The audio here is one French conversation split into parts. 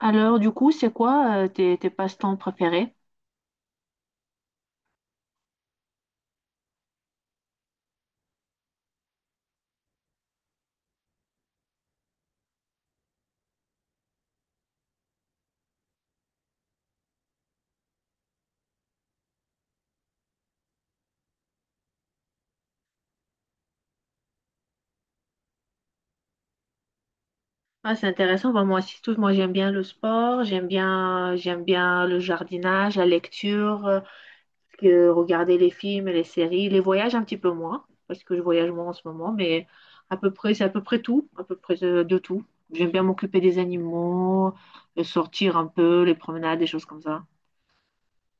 Alors, du coup, c'est quoi tes passe-temps préférés? Ah, c'est intéressant. Bah, moi aussi, tout. Moi, j'aime bien le sport, j'aime bien le jardinage, la lecture, que regarder les films et les séries, les voyages un petit peu moins, parce que je voyage moins en ce moment, mais à peu près, c'est à peu près tout, à peu près de tout. J'aime bien m'occuper des animaux, sortir un peu, les promenades, des choses comme ça.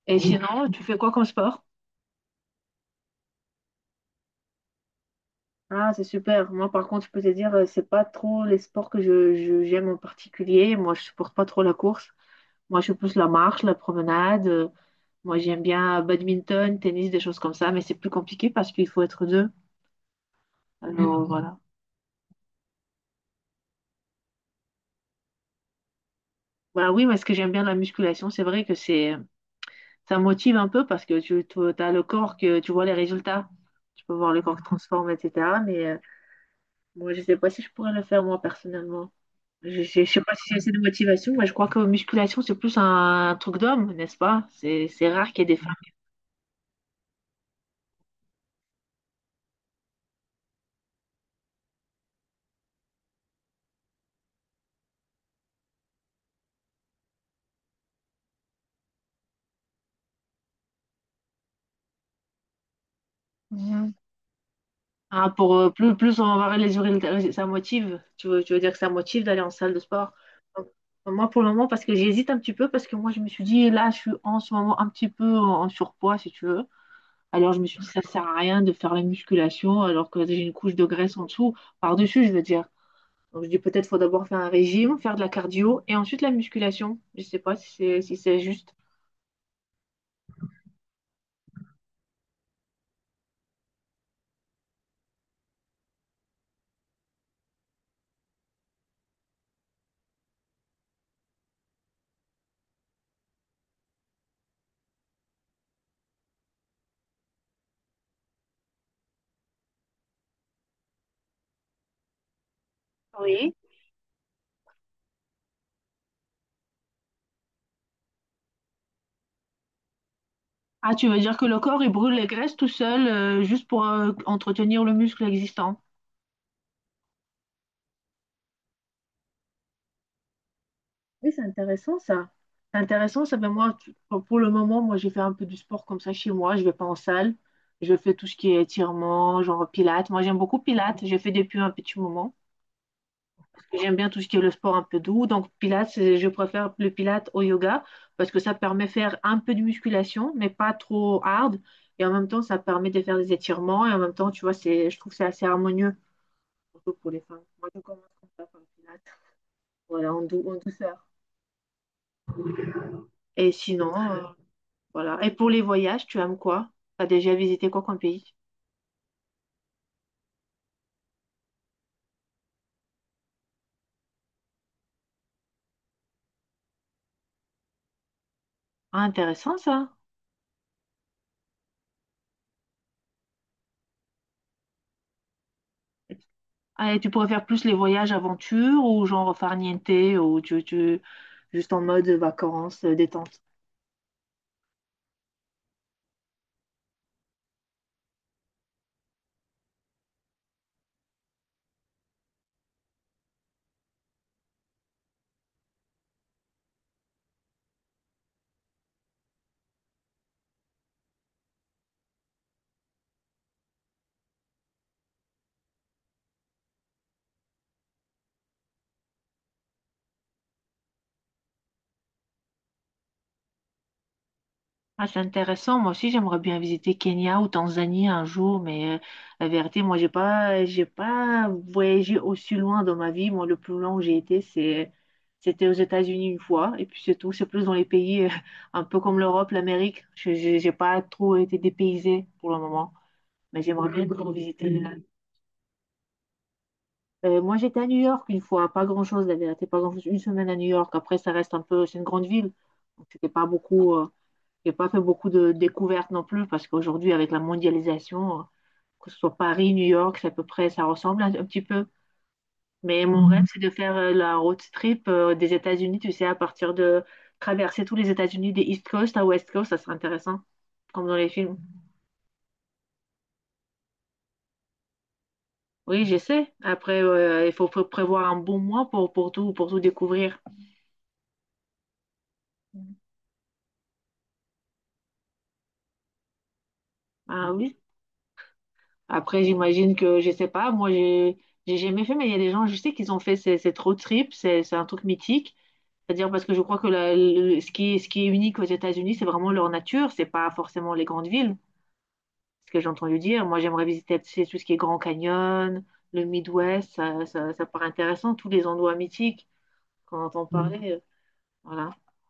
Et sinon, tu fais quoi comme sport? Ah, c'est super. Moi, par contre, je peux te dire, c'est pas trop les sports que j'aime en particulier. Moi, je supporte pas trop la course. Moi, je suis plus la marche, la promenade. Moi, j'aime bien badminton, tennis, des choses comme ça, mais c'est plus compliqué parce qu'il faut être deux. Alors, mhm, voilà. Voilà, oui, mais ce que j'aime bien de la musculation, c'est vrai que c'est, ça motive un peu parce que tu, as le corps que tu vois les résultats. Tu peux voir le corps qui transforme, etc. Mais moi, je sais pas si je pourrais le faire moi personnellement. Je sais pas si c'est assez de motivation. Moi, je crois que musculation, c'est plus un truc d'homme, n'est-ce pas? C'est rare qu'il y ait des femmes. Mhm. Hein, pour, plus on va les urines, ça motive. Tu veux dire que ça motive d'aller en salle de sport? Donc, moi, pour le moment, parce que j'hésite un petit peu, parce que moi, je me suis dit, là, je suis en ce moment un petit peu en surpoids, si tu veux. Alors, je me suis dit, ça sert à rien de faire la musculation, alors que j'ai une couche de graisse en dessous, par-dessus, je veux dire. Donc, je dis, peut-être faut d'abord faire un régime, faire de la cardio, et ensuite la musculation. Je sais pas si c'est juste. Oui. Ah, tu veux dire que le corps, il brûle les graisses tout seul, juste pour entretenir le muscle existant. Oui, c'est intéressant ça. C'est intéressant, ça fait moi, pour le moment, moi, j'ai fait un peu du sport comme ça chez moi. Je vais pas en salle. Je fais tout ce qui est étirement, genre pilates. Moi, j'aime beaucoup pilates. J'ai fait depuis un petit moment. J'aime bien tout ce qui est le sport un peu doux. Donc, pilates, je préfère le pilates au yoga parce que ça permet de faire un peu de musculation, mais pas trop hard. Et en même temps, ça permet de faire des étirements. Et en même temps, tu vois, c'est, je trouve que c'est assez harmonieux. Surtout pour les femmes. Moi, je commence comme ça, par pilates. Voilà, en douceur. Et sinon, voilà. Et pour les voyages, tu aimes quoi? T'as déjà visité quoi comme pays? Ah, intéressant ça. Ah, et tu préfères plus les voyages aventure ou genre farniente ou juste en mode vacances, détente? Ah, c'est intéressant. Moi aussi, j'aimerais bien visiter Kenya ou Tanzanie un jour, mais la vérité, moi, j'ai pas voyagé aussi loin dans ma vie. Moi, le plus long où j'ai été, c'était aux États-Unis une fois, et puis c'est tout. C'est plus dans les pays un peu comme l'Europe, l'Amérique. J'ai pas trop été dépaysée pour le moment, mais j'aimerais bien trop visiter. Moi, j'étais à New York une fois, pas grand-chose, la vérité, pas grand-chose. Une semaine à New York. Après, ça reste un peu, c'est une grande ville, donc c'était pas beaucoup. J'ai pas fait beaucoup de découvertes non plus parce qu'aujourd'hui, avec la mondialisation, que ce soit Paris, New York, c'est à peu près, ça ressemble un petit peu. Mais mon rêve, mhm, c'est de faire la road trip des États-Unis, tu sais, à partir de traverser tous les États-Unis des East Coast à West Coast, ça serait intéressant, comme dans les films. Oui, j'essaie. Après, il faut prévoir un bon mois pour tout découvrir. Ah oui. Après, j'imagine que, je sais pas, moi, j'ai jamais fait, mais il y a des gens, je sais qu'ils ont fait cette road trip, c'est un truc mythique. C'est-à-dire parce que je crois que ce qui est unique aux États-Unis, c'est vraiment leur nature, c'est pas forcément les grandes villes, ce que j'ai entendu dire. Moi, j'aimerais visiter tu sais, tout ce qui est Grand Canyon, le Midwest, ça paraît intéressant, tous les endroits mythiques qu'on entend parler. Voilà.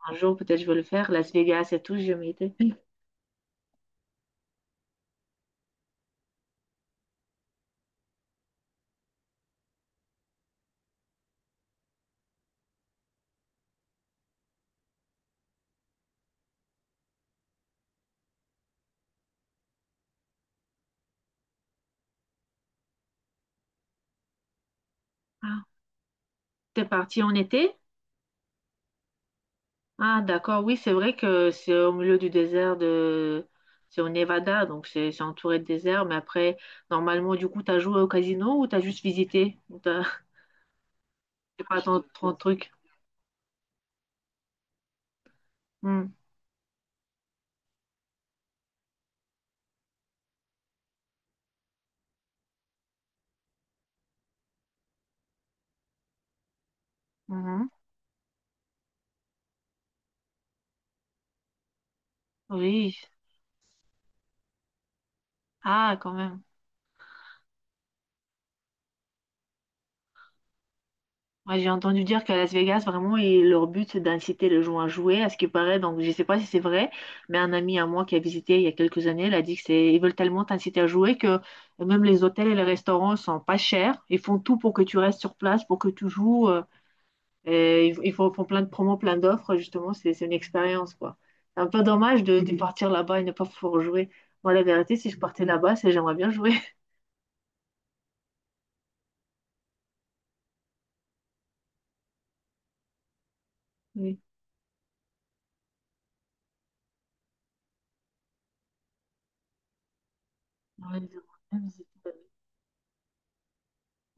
Un jour, peut-être, je vais le faire. Las Vegas et tout, j'ai jamais été. Ah, t'es parti en été? Ah, d'accord, oui, c'est vrai que c'est au milieu du désert de. C'est au Nevada, donc c'est entouré de désert, mais après, normalement, du coup, t'as joué au casino ou t'as juste visité? C'est pas ton truc. Hmm. Mhm. Oui. Ah, quand même. Ouais, j'ai entendu dire qu'à Las Vegas, vraiment, et leur but, c'est d'inciter les gens à jouer, à ce qui paraît. Donc, je ne sais pas si c'est vrai, mais un ami à moi qui a visité il y a quelques années, il a dit que ils veulent tellement t'inciter à jouer que même les hôtels et les restaurants sont pas chers. Ils font tout pour que tu restes sur place, pour que tu joues. Et ils font plein de promos, plein d'offres. Justement, c'est une expérience, quoi. C'est un peu dommage de partir là-bas et ne pas pouvoir jouer. Moi, la vérité, si je partais là-bas, c'est j'aimerais bien jouer. Ouais, ils ont bien visité la ville.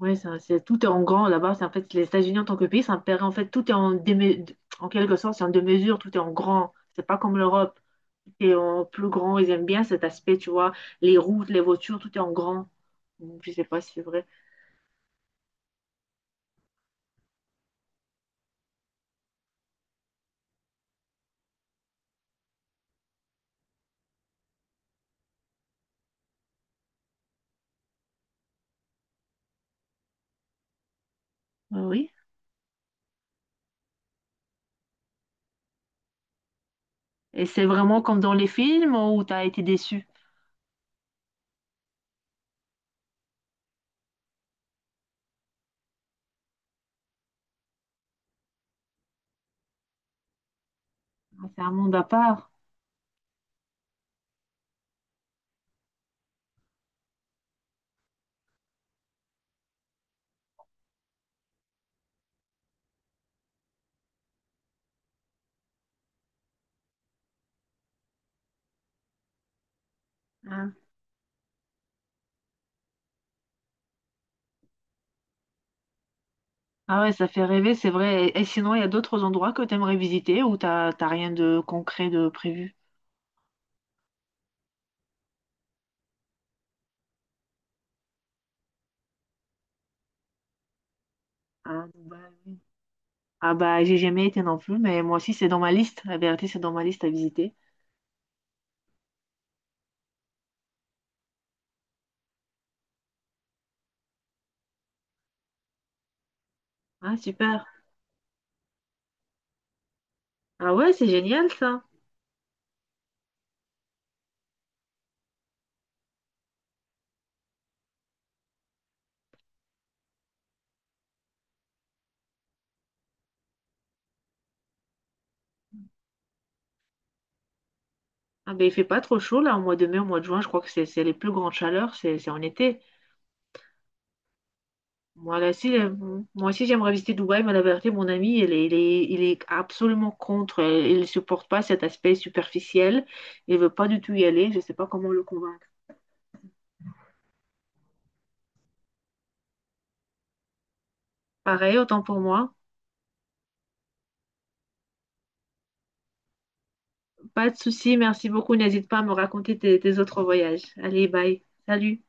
Ouais, c'est tout est en grand là-bas. C'est en fait les États-Unis en tant que pays, c'est un pays en fait tout est en quelque sorte, c'est en demi-mesure, tout est en grand. C'est pas comme l'Europe, tout est en plus grand. Ils aiment bien cet aspect, tu vois, les routes, les voitures, tout est en grand. Donc, je sais pas si c'est vrai. Ah oui. Et c'est vraiment comme dans les films où t'as été déçu. C'est un monde à part. Ah Ah ouais, ça fait rêver, c'est vrai. Et sinon, il y a d'autres endroits que t'aimerais visiter où t'as rien de concret de prévu. Ah, Dubaï, oui. Ah bah j'ai jamais été non plus, mais moi aussi c'est dans ma liste. La vérité, c'est dans ma liste à visiter. Ah super. Ah ouais, c'est génial ça. Ah ben il fait pas trop chaud là au mois de mai, au mois de juin, je crois que c'est les plus grandes chaleurs, c'est en été. Moi là si, moi aussi j'aimerais visiter Dubaï, mais la vérité, mon ami, il est absolument contre. Il ne supporte pas cet aspect superficiel. Il veut pas du tout y aller. Je sais pas comment le convaincre. Pareil, autant pour moi. Pas de souci, merci beaucoup. N'hésite pas à me raconter tes autres voyages. Allez, bye. Salut.